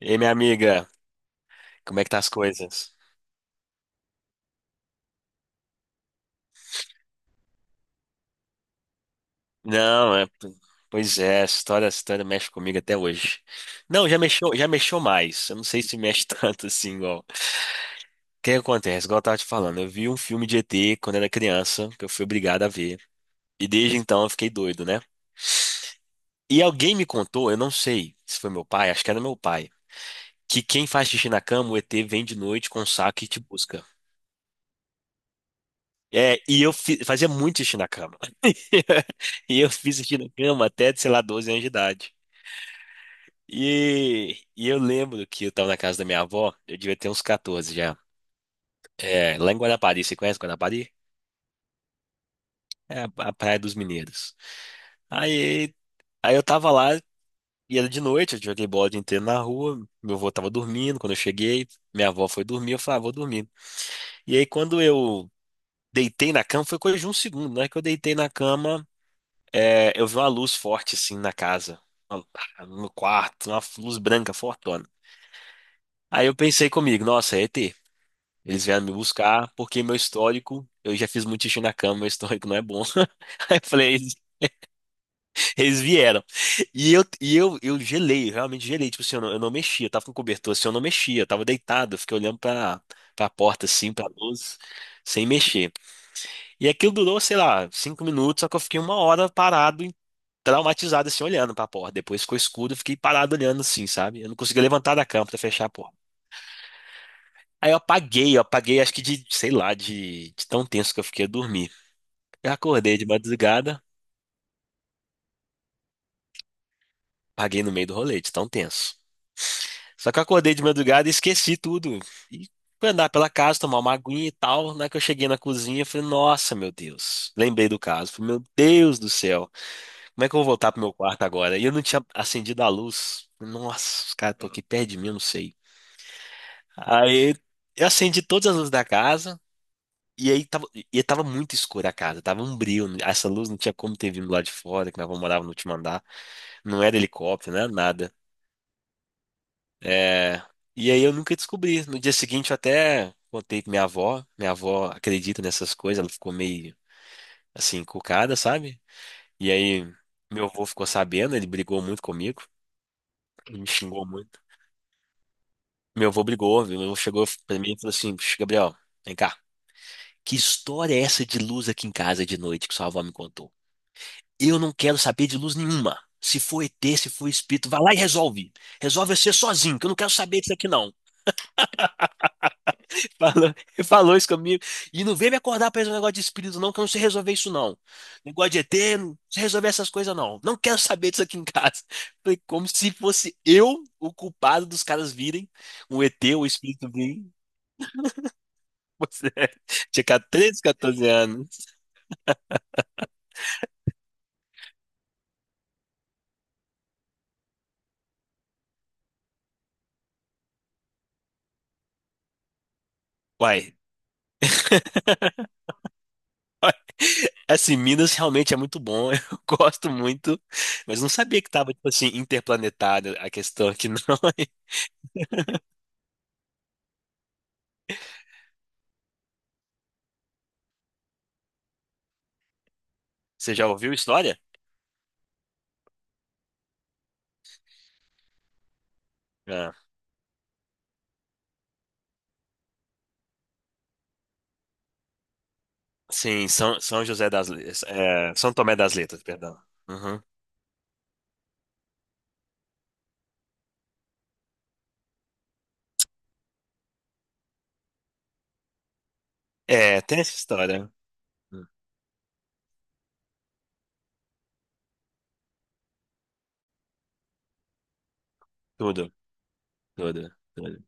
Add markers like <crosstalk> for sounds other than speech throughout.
E aí, minha amiga, como é que tá as coisas? Não, pois é, essa história mexe comigo até hoje. Não, já mexeu mais. Eu não sei se mexe <laughs> tanto assim, igual. O que acontece? Igual eu tava te falando, eu vi um filme de ET quando era criança, que eu fui obrigado a ver. E desde então eu fiquei doido, né? E alguém me contou, eu não sei se foi meu pai, acho que era meu pai, que quem faz xixi na cama, o ET vem de noite com um saco e te busca. É, e eu fazia muito xixi na cama. <laughs> E eu fiz xixi na cama até, sei lá, 12 anos de idade. E eu lembro que eu tava na casa da minha avó, eu devia ter uns 14 já. É, lá em Guarapari, você conhece Guarapari? É a Praia dos Mineiros. Aí, aí, eu tava lá, e era de noite, eu joguei bola o dia inteiro na rua, meu avô tava dormindo, quando eu cheguei, minha avó foi dormir, eu falei, ah, vou dormir. E aí quando eu deitei na cama, foi coisa de um segundo, né? Que eu deitei na cama, eu vi uma luz forte assim na casa, no quarto, uma luz branca fortona. Aí eu pensei comigo, nossa, é ET. Eles vieram me buscar porque meu histórico, eu já fiz muito xixi na cama, meu histórico não é bom. <laughs> Aí eu falei, eles vieram. Eu gelei, eu realmente gelei. Tipo assim, eu não mexia, eu tava com cobertor assim, eu não mexia, eu tava deitado, eu fiquei olhando pra porta assim, pra luz, sem mexer. E aquilo durou, sei lá, cinco minutos, só que eu fiquei uma hora parado traumatizado assim, olhando pra porta. Depois ficou escuro, eu fiquei parado olhando assim, sabe? Eu não conseguia levantar da cama pra fechar a porta. Aí eu apaguei, acho que de, sei lá, de tão tenso que eu fiquei a dormir. Eu acordei de madrugada, apaguei no meio do rolê, de tão tenso. Só que eu acordei de madrugada e esqueci tudo. E fui andar pela casa, tomar uma aguinha e tal. Na hora que eu cheguei na cozinha, eu falei, nossa, meu Deus. Lembrei do caso. Falei, meu Deus do céu. Como é que eu vou voltar pro meu quarto agora? E eu não tinha acendido a luz. Nossa, os caras estão aqui perto de mim, eu não sei. Aí eu acendi todas as luzes da casa e aí tava, e tava muito escura a casa, tava um brilho. Essa luz não tinha como ter vindo lá de fora, que nós morava no último andar. Não era helicóptero, não era nada. É, E aí eu nunca descobri. No dia seguinte eu até contei pra minha avó. Minha avó acredita nessas coisas, ela ficou meio assim, encucada, sabe? E aí meu avô ficou sabendo, ele brigou muito comigo, ele me xingou muito. Meu avô brigou, meu avô chegou pra mim e falou assim, "Puxa, Gabriel, vem cá. Que história é essa de luz aqui em casa de noite que sua avó me contou? Eu não quero saber de luz nenhuma. Se for ET, se for espírito, vai lá e resolve. Resolve você sozinho, que eu não quero saber disso aqui, não. <laughs> Fala- falou isso comigo. E não vem me acordar pra esse negócio de espírito, não, que eu não sei resolver isso, não. Negócio de ET, não sei resolver essas coisas, não. Não quero saber disso aqui em casa. <laughs> Foi como se fosse eu o culpado dos caras virem, um ET ou espírito vir." <laughs> Você é, tinha 13, 14 anos. Uai. <laughs> Assim, Minas realmente é muito bom, <laughs> eu gosto muito, mas não sabia que tava, tipo assim, interplanetário a questão aqui, não. <laughs> Você já ouviu história? É. São Tomé das Letras, perdão. Uhum. É, tem essa história. Hum. Tudo, tudo, tudo.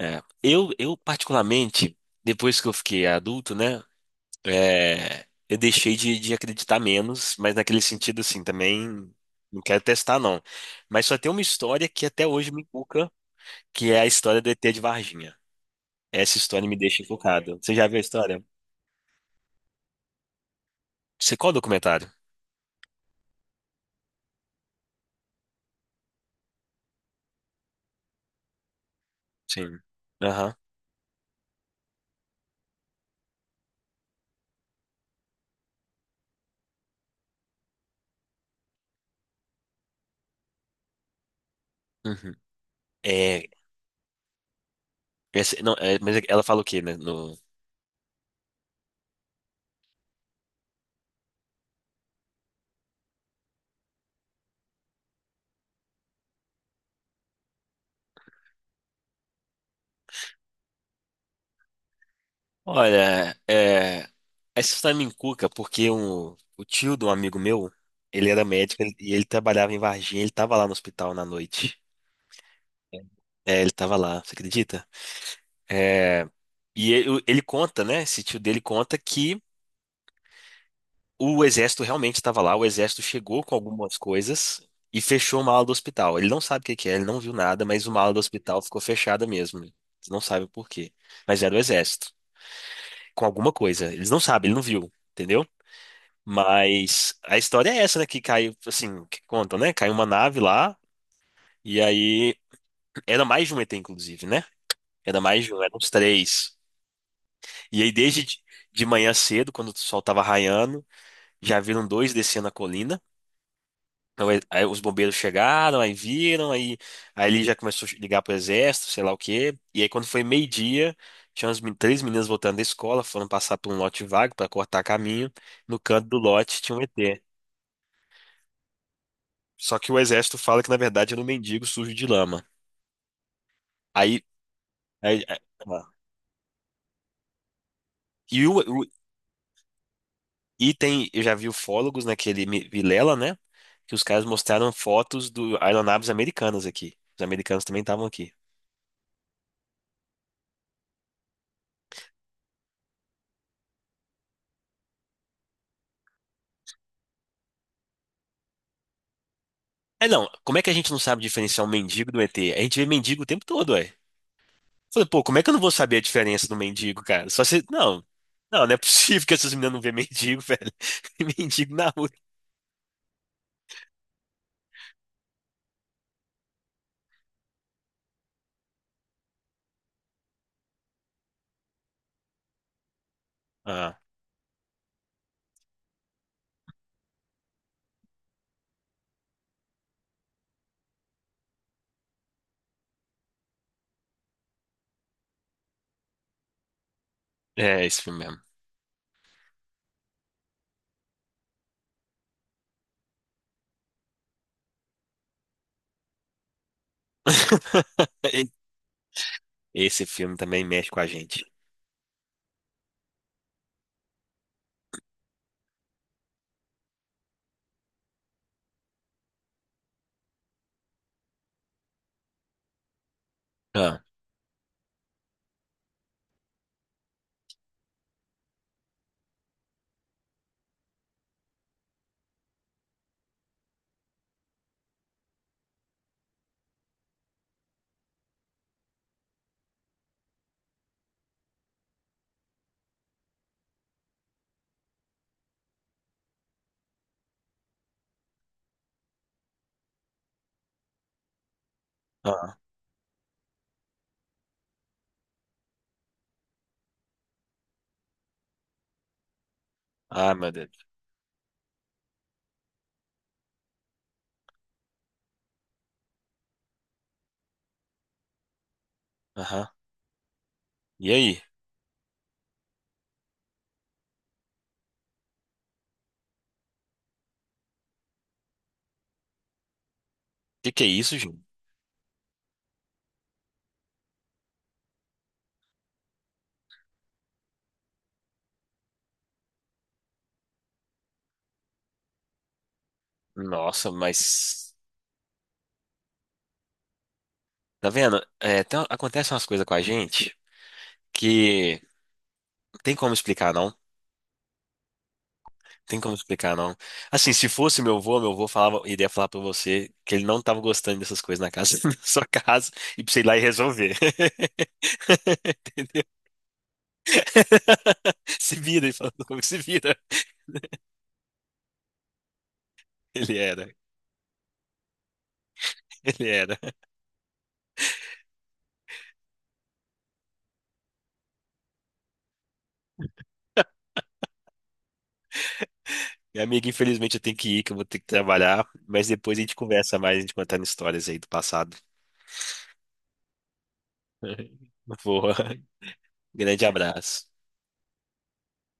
É. Eu particularmente, depois que eu fiquei adulto, né, eu deixei de acreditar menos, mas naquele sentido, assim, também não quero testar, não. Mas só tem uma história que até hoje me inculca, que é a história do ET de Varginha. Essa história me deixa encucado. Você já viu a história? Você qual documentário? Sim. Aham. Uhum. É, essa- não, é, mas ela fala o quê, né? No, olha, é, essa história me encuca porque um, o tio de um amigo meu, ele era médico e ele trabalhava em Varginha, ele tava lá no hospital na noite. É, ele tava lá, você acredita? É, e ele conta, né? Esse tio dele conta que o exército realmente estava lá, o exército chegou com algumas coisas e fechou uma ala do hospital. Ele não sabe o que que é, ele não viu nada, mas uma ala do hospital ficou fechada mesmo. Você não sabe por quê. Mas era o exército, com alguma coisa. Eles não sabem, ele não viu, entendeu? Mas a história é essa, né? Que caiu, assim, que contam, né? Caiu uma nave lá, e aí era mais de um ET, inclusive, né? Era mais de um, eram uns três. E aí, desde de manhã cedo, quando o sol tava raiando, já viram dois descendo a colina. Então, aí os bombeiros chegaram, aí viram, aí ele já começou a ligar pro exército, sei lá o quê. E aí, quando foi meio-dia, tinha umas três meninas voltando da escola, foram passar por um lote vago para cortar caminho. No canto do lote tinha um ET. Só que o exército fala que, na verdade, era um mendigo sujo de lama. Aí, aí- aí- ó. e, o, o- e tem, eu já vi ufólogos naquele Vilela, né? Que os caras mostraram fotos do aeronaves americanas aqui. Os americanos também estavam aqui. É não, como é que a gente não sabe diferenciar um mendigo do ET? A gente vê mendigo o tempo todo, ué. Falei, pô, como é que eu não vou saber a diferença do mendigo, cara? Só se. Não, não, não é possível que essas meninas não vejam mendigo, velho. <laughs> Mendigo na rua. Ah, é esse filme mesmo. <laughs> Esse filme também mexe com a gente. Ah, ah, ah, meu Deus. Aham. E aí? O que que é isso, gente? Nossa, mas. Tá vendo? É, tem- acontecem umas coisas com a gente que não tem como explicar, não. Tem como explicar, não. Assim, se fosse meu avô falava, iria falar pra você que ele não tava gostando dessas coisas na casa, <laughs> na sua casa, e pra você ir lá e resolver. <laughs> Entendeu? <laughs> Se vira, ele falando comigo, se vira. Ele era, ele era. Minha amiga, infelizmente eu tenho que ir, que eu vou ter que trabalhar, mas depois a gente conversa mais, a gente contando histórias aí do passado. <laughs> Boa. Grande abraço.